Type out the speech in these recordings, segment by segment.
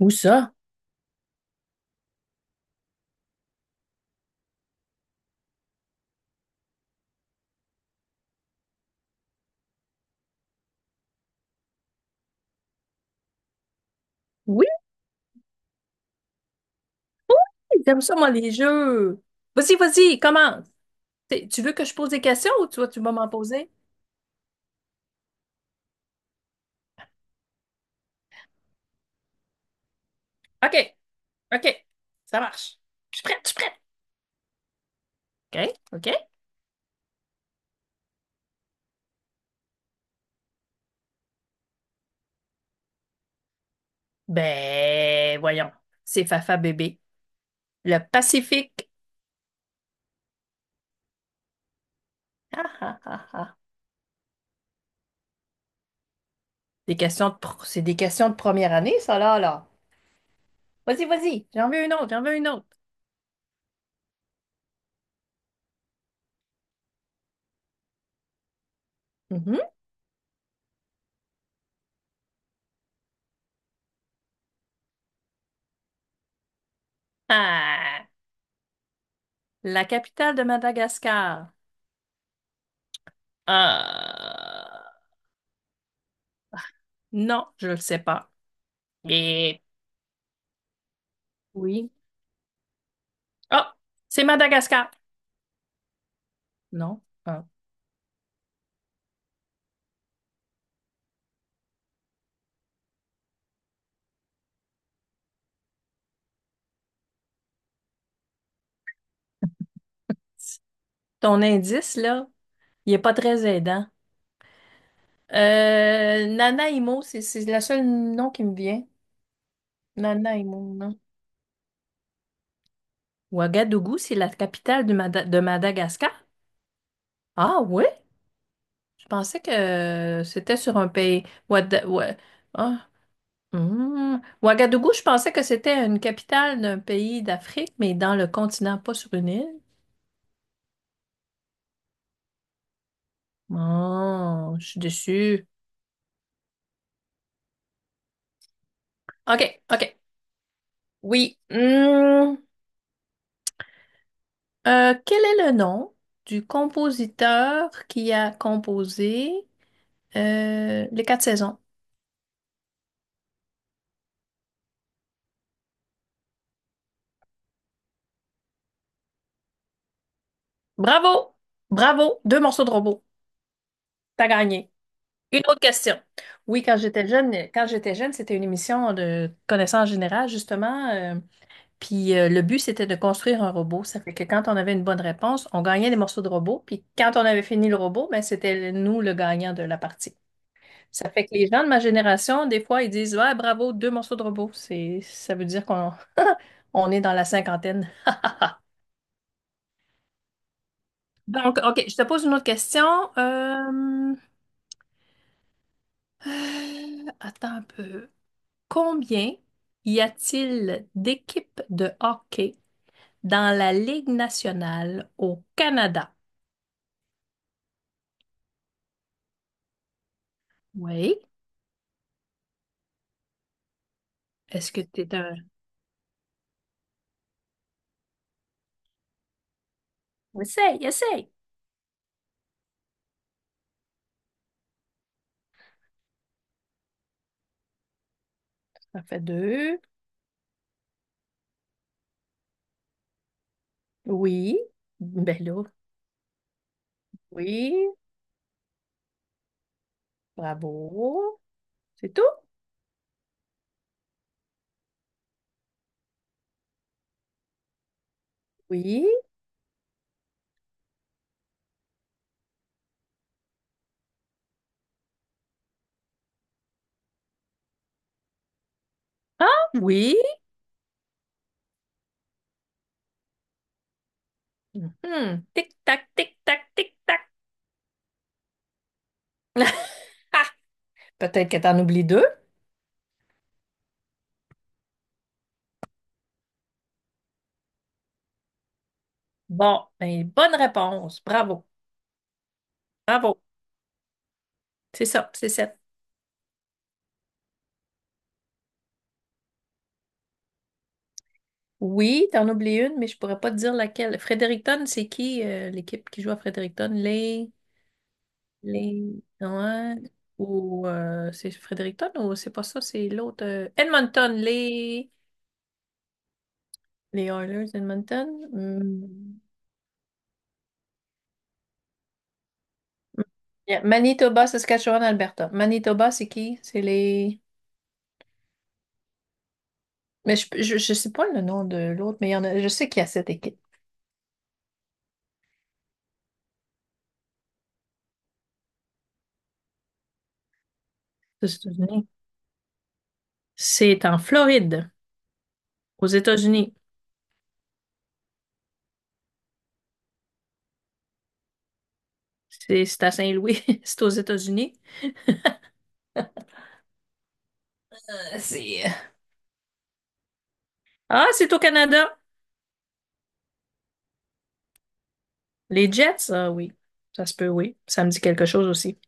Où ça? Oui, j'aime ça, moi, les jeux. Vas-y, vas-y, commence. Tu veux que je pose des questions ou toi tu vas m'en poser? OK, OK, ça marche. Je suis prête, je suis prête. OK, OK. Ben, voyons. C'est Fafa bébé. Le Pacifique. Ah, ah, ah, ah. Des questions de pro- C'est des questions de première année, ça, là, là. Vas-y, vas-y. J'en veux une autre, j'en veux une autre. Mhm. Ah, la capitale de Madagascar. Ah, non, je le sais pas. Et oui. Ah, c'est Madagascar. Non. Ah. Ton indice, là, il est pas très aidant. Nanaimo, c'est le seul nom qui me vient. Nanaimo, non. Ouagadougou, c'est la capitale de, de Madagascar? Ah oui? Je pensais que c'était sur un pays. Ouada- Oua- Ah, hmm. Ouagadougou, je pensais que c'était une capitale d'un pays d'Afrique, mais dans le continent, pas sur une île. Oh, je suis déçue. OK, OK. Oui. Hmm. Quel est le nom du compositeur qui a composé Les Quatre Saisons? Bravo! Bravo! Deux morceaux de robot. T'as gagné. Une autre question. Oui, quand j'étais jeune, c'était une émission de connaissances générales, justement. Puis le but, c'était de construire un robot. Ça fait que quand on avait une bonne réponse, on gagnait des morceaux de robot. Puis quand on avait fini le robot, ben, c'était nous le gagnant de la partie. Ça fait que les gens de ma génération, des fois, ils disent, ouais, bravo, deux morceaux de robot. C'est, ça veut dire qu'on on est dans la cinquantaine. Donc, OK, je te pose une autre question. Euh, Attends un peu. Combien y a-t-il d'équipes de hockey dans la Ligue nationale au Canada? Oui. Est-ce que t'es un... Essaye, essaye. Ça fait deux. Oui. Ben là, oui. Bravo. C'est tout? Oui. Ah oui. Mhm. Tic-tac, tic-tac, tic-tac. Ah, peut-être que t'en oublies deux. Bon, ben, bonne réponse. Bravo. Bravo. C'est ça, c'est sept. Oui, t'en oublies une, mais je pourrais pas te dire laquelle. Fredericton, c'est qui l'équipe qui joue à Fredericton? Les. Les. Ouais. Ou c'est Fredericton ou c'est pas ça, c'est l'autre. Edmonton, les. Les Oilers d'Edmonton. Hmm. Yeah, Manitoba, Saskatchewan, Alberta. Manitoba, c'est qui? C'est les. Mais je sais pas le nom de l'autre, mais il y en a, je sais qu'il y a cette équipe aux États-Unis. C'est en Floride, aux États-Unis. C'est à Saint-Louis, c'est aux États-Unis. Euh, c'est- Ah, c'est au Canada. Les Jets, ah oui. Ça se peut, oui. Ça me dit quelque chose aussi.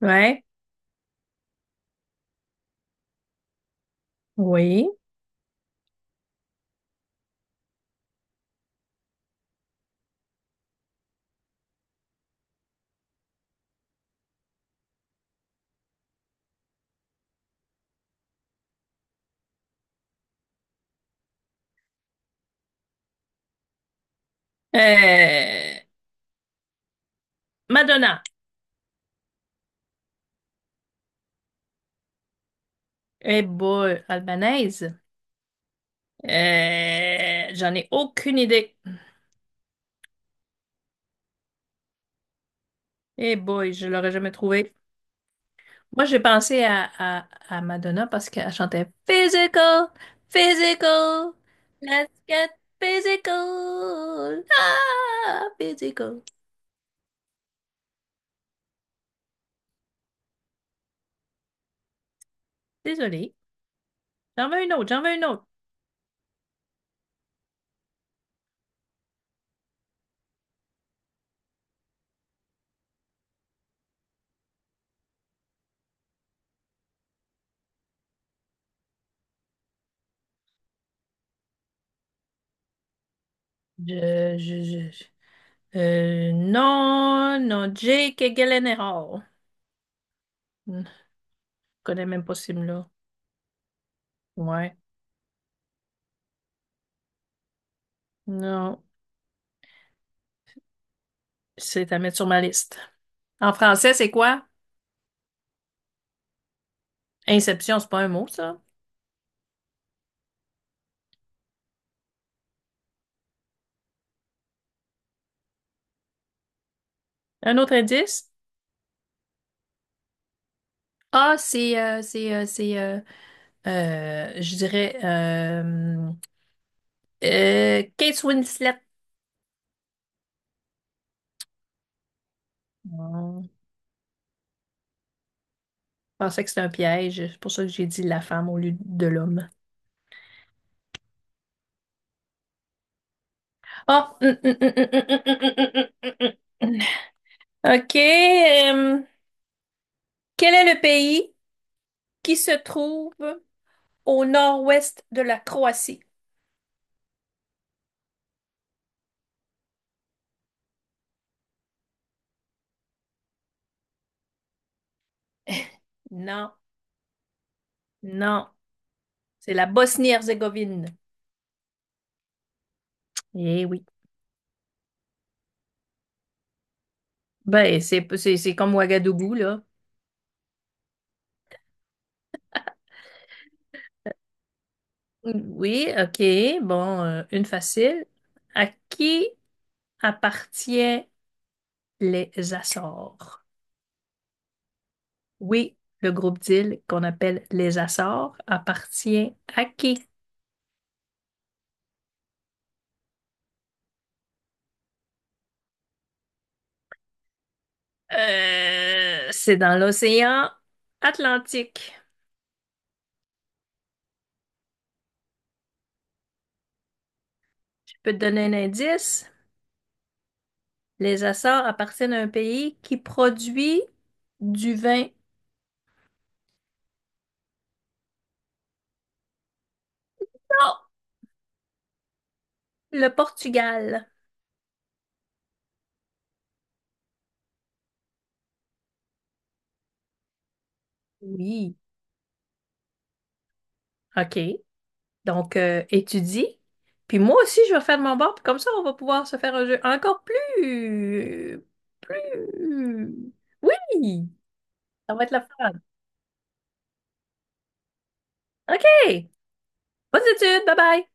Ouais, oui. Euh, Madonna. Eh boy, albanaise. J'en ai aucune idée. Eh boy, je l'aurais jamais trouvé. Moi, j'ai pensé à, à Madonna parce qu'elle chantait Physical, Physical, let's get physical, ah, physical. Désolée. J'en veux une autre, j'en veux une autre. Je, je, je, je- non, Jake Gyllenhaal. Hmm, je connais même pas ce film-là. Ouais. Non, c'est à mettre sur ma liste. En français, c'est quoi? Inception, c'est pas un mot, ça. Un autre indice? Ah, c'est, euh, c'est, euh, c'est, euh, je dirais Kate Winslet. Hmm, je pensais que c'était un piège. C'est pour ça que j'ai dit la femme au lieu de l'homme. Ah! Hum. OK. Quel est le pays qui se trouve au nord-ouest de la Croatie? Non, non. C'est la Bosnie-Herzégovine. Eh oui. Ben, c'est comme Ouagadougou, là. Oui, OK. Bon, une facile. À qui appartient les Açores? Oui, le groupe d'îles qu'on appelle les Açores appartient à qui? C'est dans l'océan Atlantique. Je peux te donner un indice. Les Açores appartiennent à un pays qui produit du vin. Non, le Portugal. Oui. OK. Donc, étudie. Puis moi aussi, je vais faire de mon bord. Puis comme ça, on va pouvoir se faire un jeu encore plus... Plus... Oui! Ça va être la fun. OK! Bonnes études! Bye bye!